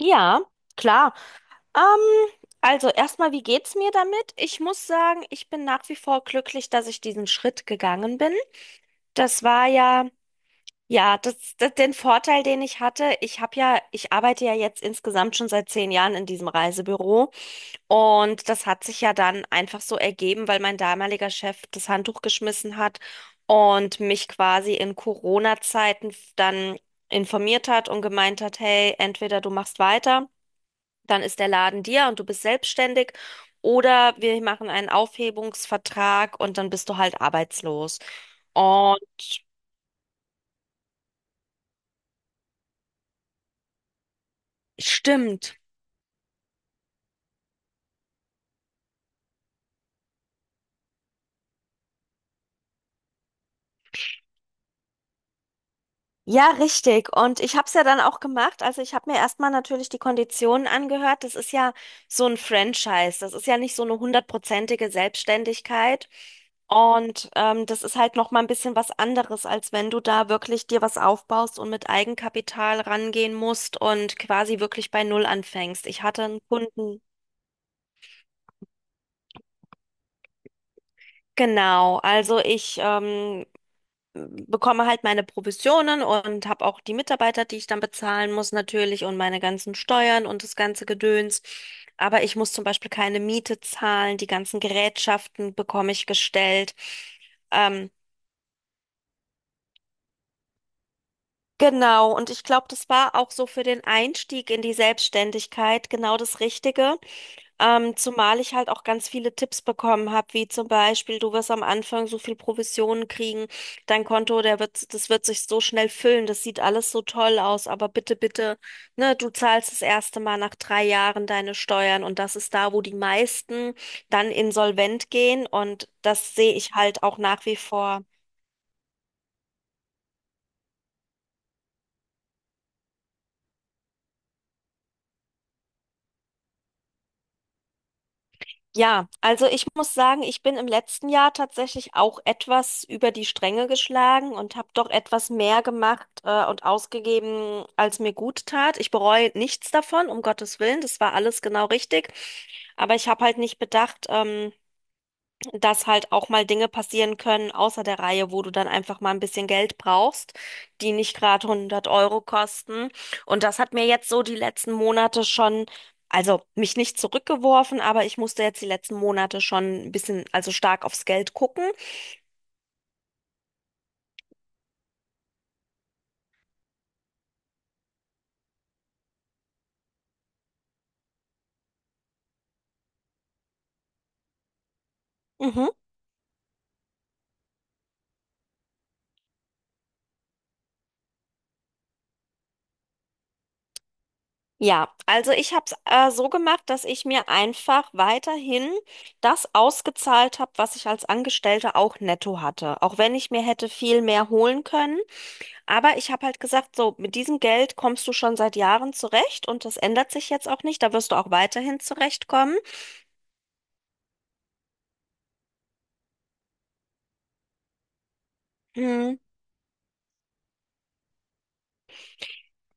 Ja, klar. Ähm, also erstmal, wie geht's mir damit? Ich muss sagen, ich bin nach wie vor glücklich, dass ich diesen Schritt gegangen bin. Das war ja, ja, das, das den Vorteil, den ich hatte. Ich arbeite ja jetzt insgesamt schon seit 10 Jahren in diesem Reisebüro und das hat sich ja dann einfach so ergeben, weil mein damaliger Chef das Handtuch geschmissen hat und mich quasi in Corona-Zeiten dann informiert hat und gemeint hat, hey, entweder du machst weiter, dann ist der Laden dir und du bist selbstständig. Oder wir machen einen Aufhebungsvertrag und dann bist du halt arbeitslos. Und stimmt. Ja, richtig. Und ich habe es ja dann auch gemacht. Also ich habe mir erstmal natürlich die Konditionen angehört. Das ist ja so ein Franchise. Das ist ja nicht so eine hundertprozentige Selbstständigkeit. Und das ist halt noch mal ein bisschen was anderes, als wenn du da wirklich dir was aufbaust und mit Eigenkapital rangehen musst und quasi wirklich bei Null anfängst. Ich hatte einen Kunden. Genau, also ich bekomme halt meine Provisionen und habe auch die Mitarbeiter, die ich dann bezahlen muss natürlich, und meine ganzen Steuern und das ganze Gedöns. Aber ich muss zum Beispiel keine Miete zahlen, die ganzen Gerätschaften bekomme ich gestellt. Ähm, genau, und ich glaube, das war auch so für den Einstieg in die Selbstständigkeit genau das Richtige. Zumal ich halt auch ganz viele Tipps bekommen habe, wie zum Beispiel, du wirst am Anfang so viel Provisionen kriegen, dein Konto, der wird, das wird sich so schnell füllen, das sieht alles so toll aus, aber bitte, bitte, ne, du zahlst das erste Mal nach 3 Jahren deine Steuern und das ist da, wo die meisten dann insolvent gehen, und das sehe ich halt auch nach wie vor. Ja, also ich muss sagen, ich bin im letzten Jahr tatsächlich auch etwas über die Stränge geschlagen und habe doch etwas mehr gemacht und ausgegeben, als mir gut tat. Ich bereue nichts davon, um Gottes Willen, das war alles genau richtig. Aber ich habe halt nicht bedacht, dass halt auch mal Dinge passieren können außer der Reihe, wo du dann einfach mal ein bisschen Geld brauchst, die nicht gerade 100 Euro kosten. Und das hat mir jetzt so die letzten Monate schon, also mich nicht zurückgeworfen, aber ich musste jetzt die letzten Monate schon ein bisschen, also stark aufs Geld gucken. Mhm. Ja, also ich habe es so gemacht, dass ich mir einfach weiterhin das ausgezahlt habe, was ich als Angestellte auch netto hatte. Auch wenn ich mir hätte viel mehr holen können. Aber ich habe halt gesagt, so mit diesem Geld kommst du schon seit Jahren zurecht und das ändert sich jetzt auch nicht. Da wirst du auch weiterhin zurechtkommen. Hm.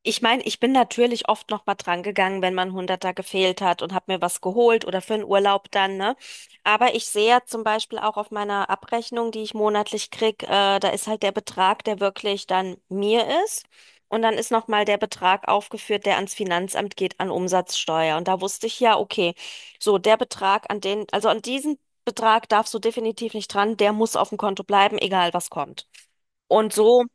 Ich meine, ich bin natürlich oft noch mal dran gegangen, wenn man Hunderter gefehlt hat und habe mir was geholt oder für einen Urlaub dann, ne? Aber ich sehe ja zum Beispiel auch auf meiner Abrechnung, die ich monatlich krieg, da ist halt der Betrag, der wirklich dann mir ist. Und dann ist noch mal der Betrag aufgeführt, der ans Finanzamt geht, an Umsatzsteuer. Und da wusste ich ja, okay, so der Betrag an den, also an diesen Betrag darfst du definitiv nicht dran, der muss auf dem Konto bleiben, egal was kommt. Und so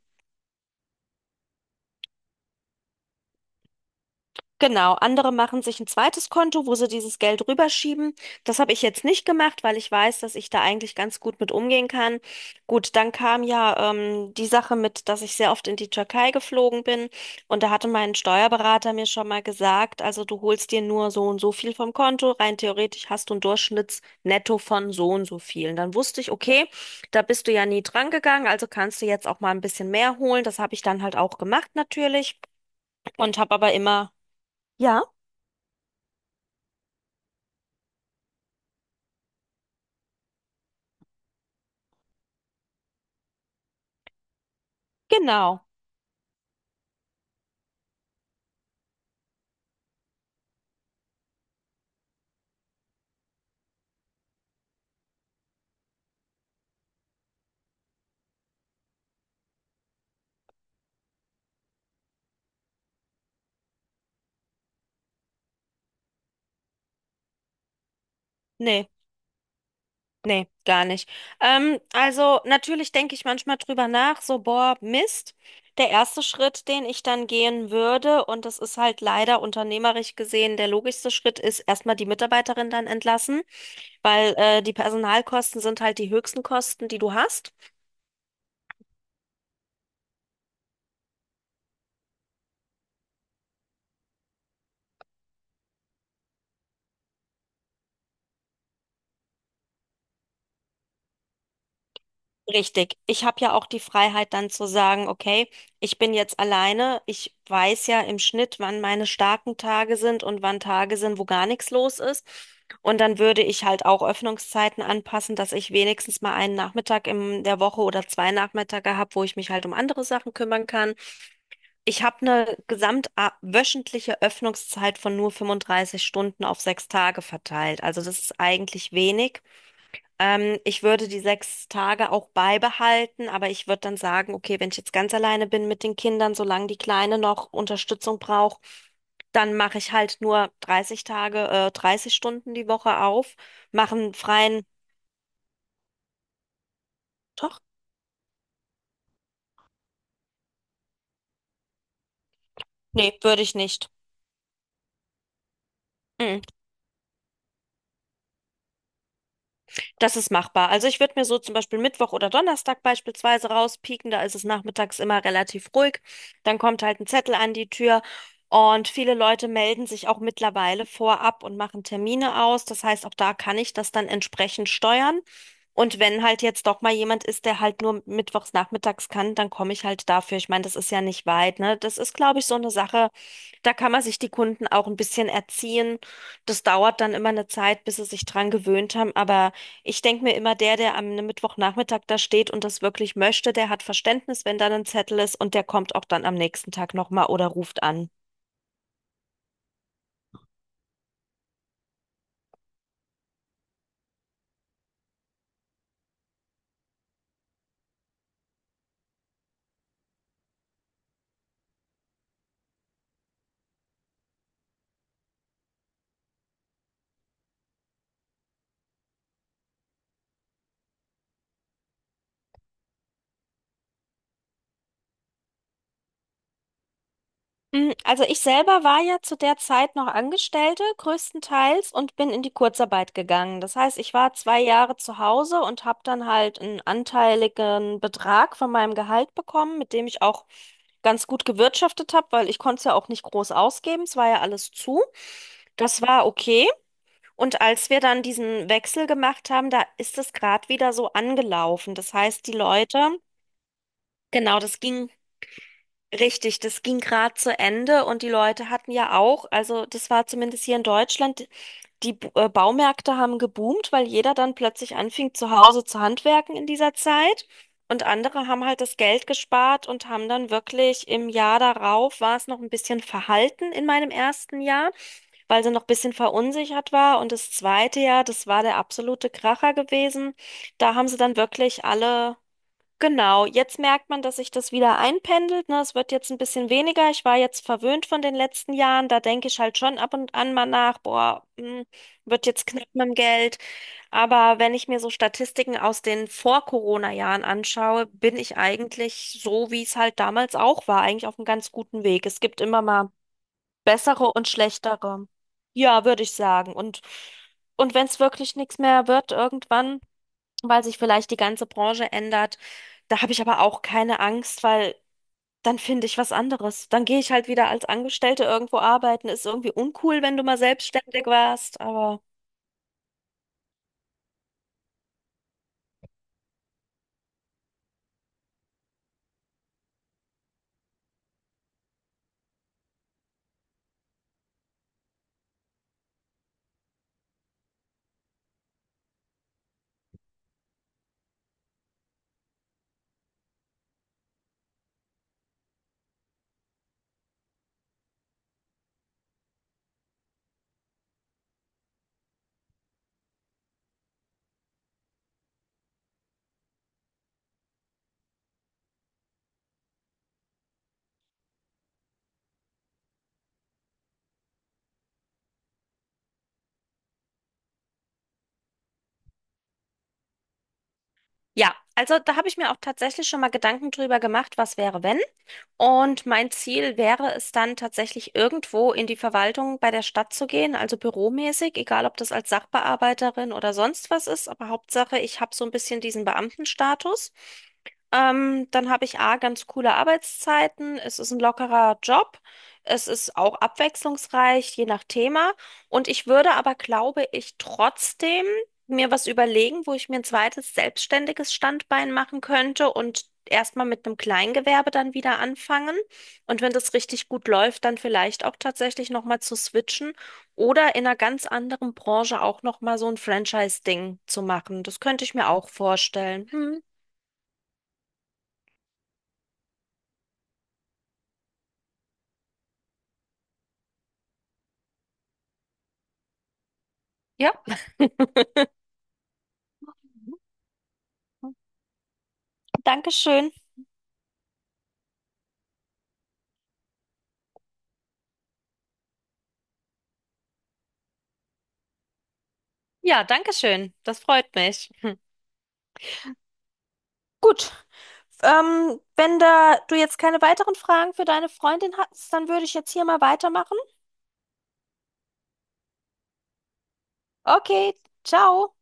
genau, andere machen sich ein zweites Konto, wo sie dieses Geld rüberschieben. Das habe ich jetzt nicht gemacht, weil ich weiß, dass ich da eigentlich ganz gut mit umgehen kann. Gut, dann kam ja die Sache mit, dass ich sehr oft in die Türkei geflogen bin und da hatte mein Steuerberater mir schon mal gesagt, also du holst dir nur so und so viel vom Konto, rein theoretisch hast du ein Durchschnittsnetto von so und so viel. Und dann wusste ich, okay, da bist du ja nie dran gegangen, also kannst du jetzt auch mal ein bisschen mehr holen. Das habe ich dann halt auch gemacht natürlich und habe aber immer ja. Genau. Nee, nee, gar nicht. Also natürlich denke ich manchmal drüber nach, so, boah, Mist. Der erste Schritt, den ich dann gehen würde, und das ist halt leider unternehmerisch gesehen der logischste Schritt, ist erstmal die Mitarbeiterin dann entlassen, weil die Personalkosten sind halt die höchsten Kosten, die du hast. Richtig. Ich habe ja auch die Freiheit dann zu sagen, okay, ich bin jetzt alleine. Ich weiß ja im Schnitt, wann meine starken Tage sind und wann Tage sind, wo gar nichts los ist. Und dann würde ich halt auch Öffnungszeiten anpassen, dass ich wenigstens mal einen Nachmittag in der Woche oder 2 Nachmittage habe, wo ich mich halt um andere Sachen kümmern kann. Ich habe eine gesamtwöchentliche Öffnungszeit von nur 35 Stunden auf 6 Tage verteilt. Also das ist eigentlich wenig. Ich würde die 6 Tage auch beibehalten, aber ich würde dann sagen, okay, wenn ich jetzt ganz alleine bin mit den Kindern, solange die Kleine noch Unterstützung braucht, dann mache ich halt nur 30 Stunden die Woche auf, mache einen freien. Doch, nee, würde ich nicht. Mm. Das ist machbar. Also ich würde mir so zum Beispiel Mittwoch oder Donnerstag beispielsweise rauspieken. Da ist es nachmittags immer relativ ruhig. Dann kommt halt ein Zettel an die Tür und viele Leute melden sich auch mittlerweile vorab und machen Termine aus. Das heißt, auch da kann ich das dann entsprechend steuern. Und wenn halt jetzt doch mal jemand ist, der halt nur mittwochs nachmittags kann, dann komme ich halt dafür. Ich meine, das ist ja nicht weit, ne? Das ist, glaube ich, so eine Sache, da kann man sich die Kunden auch ein bisschen erziehen. Das dauert dann immer eine Zeit, bis sie sich dran gewöhnt haben, aber ich denke mir immer, der, der am Mittwochnachmittag da steht und das wirklich möchte, der hat Verständnis, wenn dann ein Zettel ist und der kommt auch dann am nächsten Tag nochmal oder ruft an. Also ich selber war ja zu der Zeit noch Angestellte, größtenteils, und bin in die Kurzarbeit gegangen. Das heißt, ich war 2 Jahre zu Hause und habe dann halt einen anteiligen Betrag von meinem Gehalt bekommen, mit dem ich auch ganz gut gewirtschaftet habe, weil ich konnte es ja auch nicht groß ausgeben. Es war ja alles zu. Das war okay. Und als wir dann diesen Wechsel gemacht haben, da ist es gerade wieder so angelaufen. Das heißt, die Leute, genau, das ging richtig, das ging gerade zu Ende und die Leute hatten ja auch, also das war zumindest hier in Deutschland, die Baumärkte haben geboomt, weil jeder dann plötzlich anfing, zu Hause zu handwerken in dieser Zeit. Und andere haben halt das Geld gespart und haben dann wirklich im Jahr darauf war es noch ein bisschen verhalten in meinem ersten Jahr, weil sie noch ein bisschen verunsichert war. Und das zweite Jahr, das war der absolute Kracher gewesen. Da haben sie dann wirklich alle genau, jetzt merkt man, dass sich das wieder einpendelt. Ne? Es wird jetzt ein bisschen weniger. Ich war jetzt verwöhnt von den letzten Jahren. Da denke ich halt schon ab und an mal nach, boah, wird jetzt knapp mit dem Geld. Aber wenn ich mir so Statistiken aus den Vor-Corona-Jahren anschaue, bin ich eigentlich so, wie es halt damals auch war, eigentlich auf einem ganz guten Weg. Es gibt immer mal bessere und schlechtere. Ja, würde ich sagen. Und wenn es wirklich nichts mehr wird, irgendwann, weil sich vielleicht die ganze Branche ändert. Da habe ich aber auch keine Angst, weil dann finde ich was anderes. Dann gehe ich halt wieder als Angestellte irgendwo arbeiten. Ist irgendwie uncool, wenn du mal selbstständig warst, aber. Ja, also da habe ich mir auch tatsächlich schon mal Gedanken drüber gemacht, was wäre, wenn. Und mein Ziel wäre es dann tatsächlich irgendwo in die Verwaltung bei der Stadt zu gehen, also büromäßig, egal ob das als Sachbearbeiterin oder sonst was ist, aber Hauptsache, ich habe so ein bisschen diesen Beamtenstatus. Dann habe ich A, ganz coole Arbeitszeiten, es ist ein lockerer Job, es ist auch abwechslungsreich, je nach Thema. Und ich würde aber, glaube ich, trotzdem mir was überlegen, wo ich mir ein zweites selbstständiges Standbein machen könnte und erstmal mit einem Kleingewerbe dann wieder anfangen. Und wenn das richtig gut läuft, dann vielleicht auch tatsächlich nochmal zu switchen oder in einer ganz anderen Branche auch nochmal so ein Franchise-Ding zu machen. Das könnte ich mir auch vorstellen. Hm, ja, Dankeschön. Ja, Dankeschön. Das freut mich. Hm. Gut, wenn da du jetzt keine weiteren Fragen für deine Freundin hast, dann würde ich jetzt hier mal weitermachen. Okay, ciao.